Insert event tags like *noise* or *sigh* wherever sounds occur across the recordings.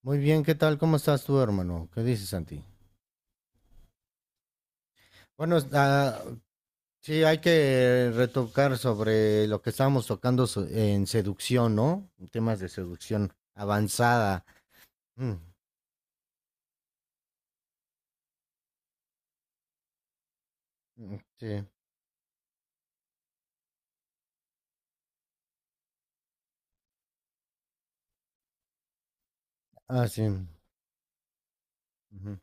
Muy bien, ¿qué tal? ¿Cómo estás tú, hermano? ¿Qué dices, Santi? Bueno, sí, hay que retocar sobre lo que estábamos tocando en seducción, ¿no? Temas de seducción avanzada. Mm, mm, sí. Ah, sí. Ujú,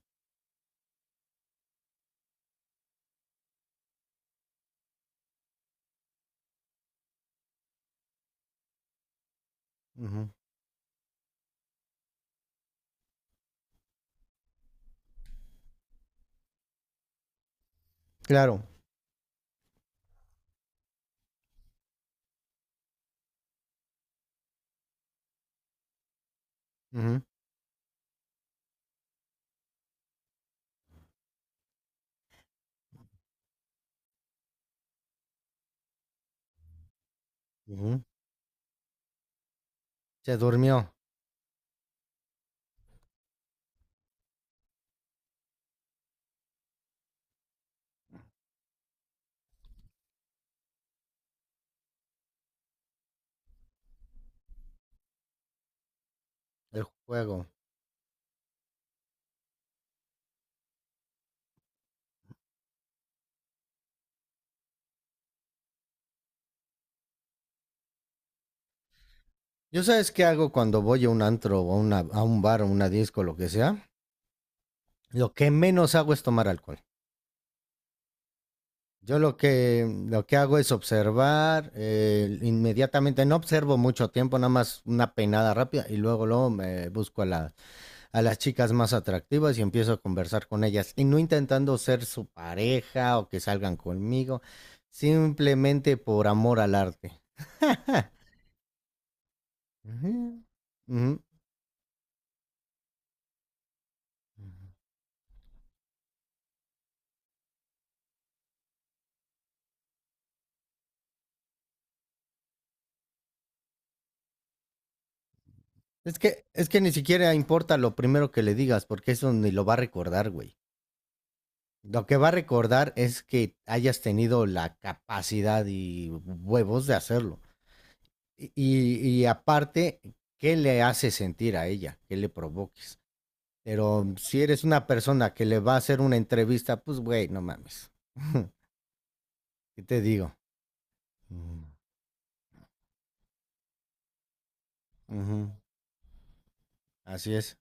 ujú. Claro. Ujú, ujú. Se durmió el juego. ¿Yo sabes qué hago cuando voy a un antro o a un bar o una disco, lo que sea? Lo que menos hago es tomar alcohol. Yo lo que hago es observar, inmediatamente, no observo mucho tiempo, nada más una peinada rápida y luego, luego me busco a las chicas más atractivas y empiezo a conversar con ellas. Y no intentando ser su pareja o que salgan conmigo, simplemente por amor al arte. *laughs* Ujú, ujú. Es que ni siquiera importa lo primero que le digas, porque eso ni lo va a recordar, güey. Lo que va a recordar es que hayas tenido la capacidad y huevos de hacerlo. Y aparte, ¿qué le hace sentir a ella? ¿Qué le provoques? Pero si eres una persona que le va a hacer una entrevista, pues güey, no mames. ¿Qué te digo? Mm. Ujú. Así es.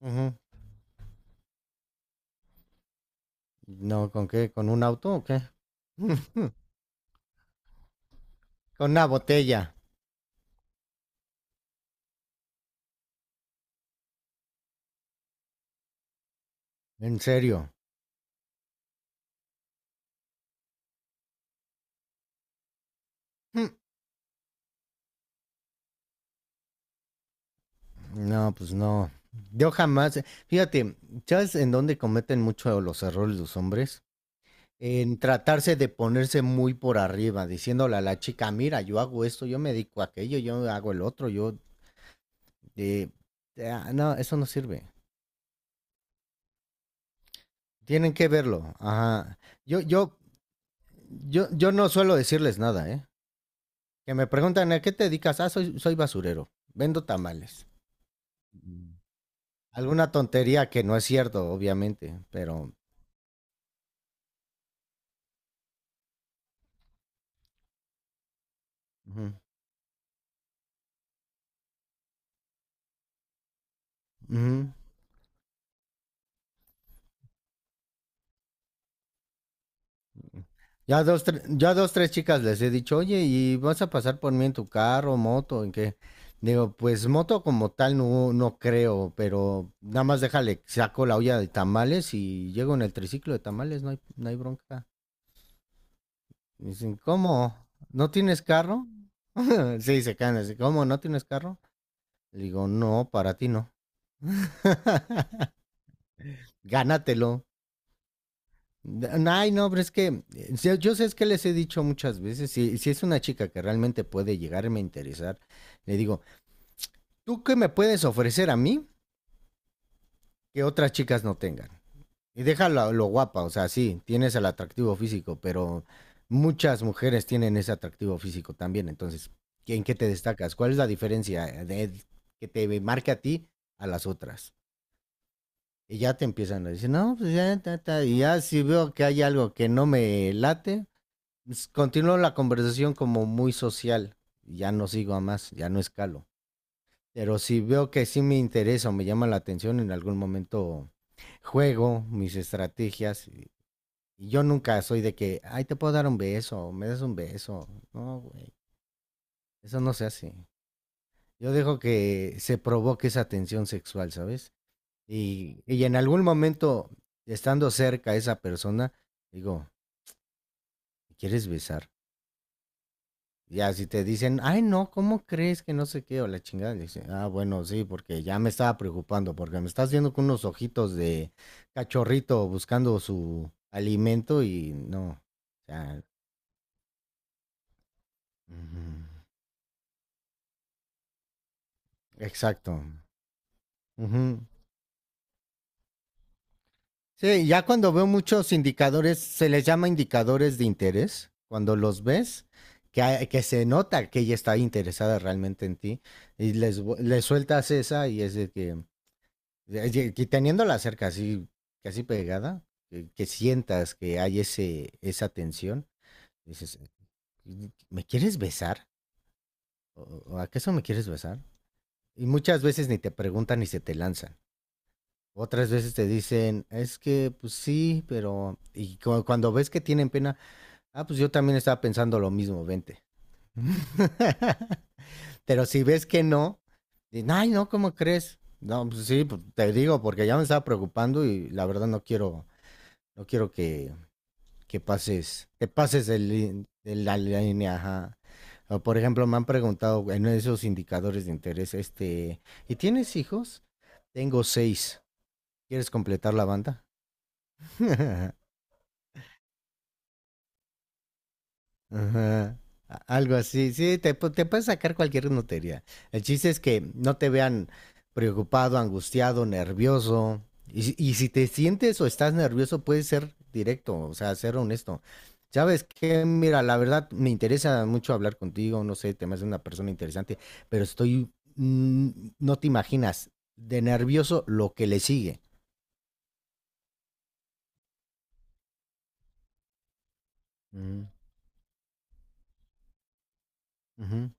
Ujú. ¿No con qué? ¿Con un auto o qué? *laughs* Con una botella. En serio. *laughs* No, pues no. Yo jamás, fíjate, ¿sabes en dónde cometen mucho los errores los hombres? En tratarse de ponerse muy por arriba, diciéndole a la chica, mira, yo hago esto, yo me dedico a aquello, yo hago el otro, eh, ah, no, eso no sirve. Tienen que verlo. Ajá. Yo, yo, yo no suelo decirles nada, ¿eh? Que me preguntan, ¿a qué te dedicas? Ah, soy basurero, vendo tamales. Mm. Alguna tontería que no es cierto, obviamente, pero. Ujú, ujú. Yo dos, tres chicas les he dicho, oye, ¿y vas a pasar por mí en tu carro, moto, en qué? Digo, pues moto como tal no, no creo, pero nada más déjale, saco la olla de tamales y llego en el triciclo de tamales, no hay bronca. Y dicen, ¿cómo? ¿No tienes carro? *laughs* Sí, se caen así, ¿cómo? ¿No tienes carro? Le digo, no, para ti no. *laughs* Gánatelo. Ay, no, pero es que yo sé es que les he dicho muchas veces, si es una chica que realmente puede llegarme a interesar, le digo, ¿tú qué me puedes ofrecer a mí que otras chicas no tengan? Y déjalo lo guapa, o sea, sí, tienes el atractivo físico, pero muchas mujeres tienen ese atractivo físico también, entonces, ¿en qué te destacas? ¿Cuál es la diferencia que te marca a ti a las otras? Y ya te empiezan a decir, no, pues ya, ta, ta", y ya si veo que hay algo que no me late, continúo la conversación como muy social. Ya no sigo a más, ya no escalo. Pero si veo que sí me interesa o me llama la atención, en algún momento juego mis estrategias. Y yo nunca soy de que, ay, te puedo dar un beso, me das un beso. No, güey, eso no se hace. Yo dejo que se provoque esa tensión sexual, ¿sabes? Y en algún momento, estando cerca a esa persona, digo, ¿me ¿quieres besar? Ya, si te dicen, ay, no, ¿cómo crees que no sé qué? O la chingada, dice, ah, bueno, sí, porque ya me estaba preocupando, porque me estás viendo con unos ojitos de cachorrito buscando su alimento y no, o sea, ujú, exacto. Ujú. Sí, ya cuando veo muchos indicadores, se les llama indicadores de interés, cuando los ves, que se nota que ella está interesada realmente en ti, y le sueltas esa y es de que, y que teniéndola cerca, así, casi pegada, que sientas que hay esa tensión, dices, ¿me quieres besar? O acaso me quieres besar? Y muchas veces ni te preguntan ni se te lanzan. Otras veces te dicen, es que, pues sí, pero. Y cuando ves que tienen pena, ah, pues yo también estaba pensando lo mismo, vente. *laughs* Pero si ves que no, ay, no, ¿cómo crees? No, pues sí, pues, te digo, porque ya me estaba preocupando y la verdad no quiero. No quiero que, que pases de, la línea, ajá. O, por ejemplo, me han preguntado en esos indicadores de interés, este, ¿y tienes hijos? Tengo seis. ¿Quieres completar la banda? *laughs* Ajá. Algo así, sí, te puedes sacar cualquier notería. El chiste es que no te vean preocupado, angustiado, nervioso. Y si te sientes o estás nervioso, puedes ser directo, o sea, ser honesto. ¿Sabes qué? Mira, la verdad me interesa mucho hablar contigo, no sé, te me haces una persona interesante, pero estoy, mm, no te imaginas, de nervioso lo que le sigue. Ujú, ujú.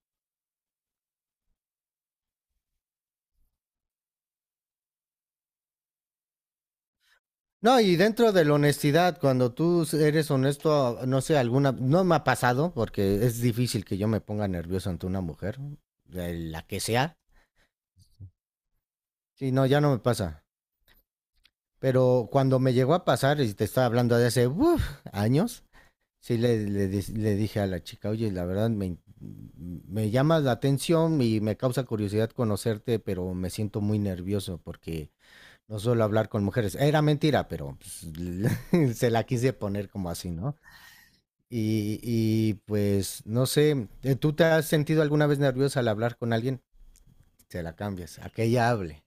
No, y dentro de la honestidad, cuando tú eres honesto, no sé, alguna, no me ha pasado, porque es difícil que yo me ponga nervioso ante una mujer, de la que sea. Sí, no, ya no me pasa. Pero cuando me llegó a pasar, y te estaba hablando de hace uf, años, sí le dije a la chica, oye, la verdad me llamas la atención y me causa curiosidad conocerte, pero me siento muy nervioso porque no suelo hablar con mujeres. Era mentira, pero pues, *laughs* se la quise poner como así, ¿no? Y pues, no sé, ¿tú te has sentido alguna vez nerviosa al hablar con alguien? Se la cambias, a que ella hable.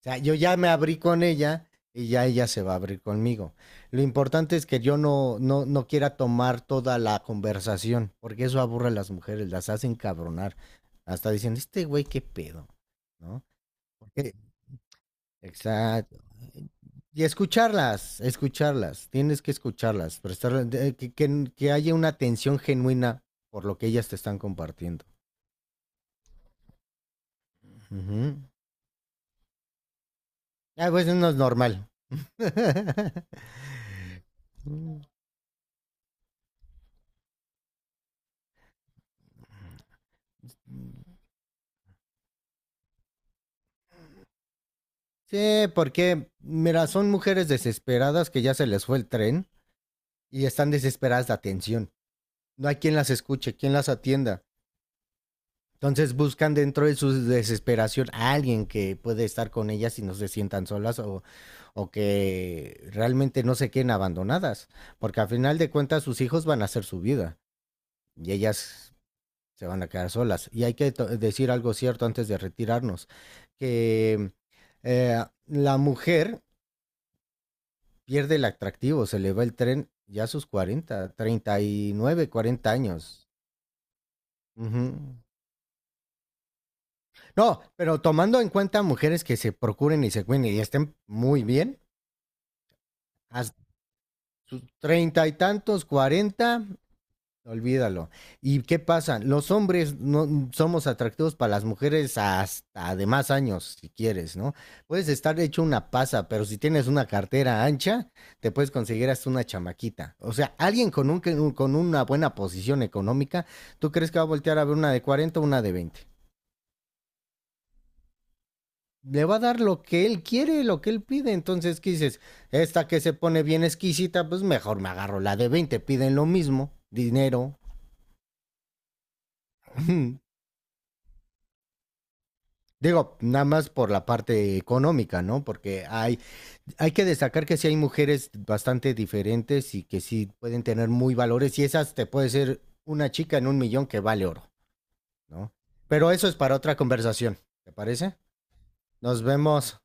O sea, yo ya me abrí con ella y ya ella se va a abrir conmigo. Lo importante es que yo no quiera tomar toda la conversación, porque eso aburre a las mujeres, las hacen cabronar. Hasta dicen, este güey, qué pedo, ¿no? Porque Exacto. Y escucharlas, escucharlas, tienes que escucharlas, prestar, que haya una atención genuina por lo que ellas te están compartiendo. Ujú. Ah, pues no es normal. *laughs* Mm. Sí, porque, mira, son mujeres desesperadas que ya se les fue el tren y están desesperadas de atención. No hay quien las escuche, quien las atienda. Entonces buscan dentro de su desesperación a alguien que puede estar con ellas y no se sientan solas o que realmente no se queden abandonadas, porque al final de cuentas sus hijos van a hacer su vida y ellas se van a quedar solas. Y hay que decir algo cierto antes de retirarnos, que la mujer pierde el atractivo, se le va el tren ya a sus 40, 39, 40 años. Uh -huh. No, pero tomando en cuenta mujeres que se procuren y se cuiden y estén muy bien, hasta sus treinta y tantos, 40, olvídalo. ¿Y qué pasa? Los hombres no somos atractivos para las mujeres hasta de más años, si quieres, ¿no? Puedes estar hecho una pasa, pero si tienes una cartera ancha, te puedes conseguir hasta una chamaquita. O sea, alguien con una buena posición económica, ¿tú crees que va a voltear a ver una de 40, o una de 20? Le va a dar lo que él quiere, lo que él pide. Entonces, ¿qué dices? Esta que se pone bien exquisita, pues mejor me agarro la de 20. Piden lo mismo, dinero. *laughs* Digo, nada más por la parte económica, ¿no? Porque hay que destacar que sí hay mujeres bastante diferentes y que sí pueden tener muy valores y esas te puede ser una chica en un millón que vale oro, ¿no? Pero eso es para otra conversación, ¿te parece? Nos vemos.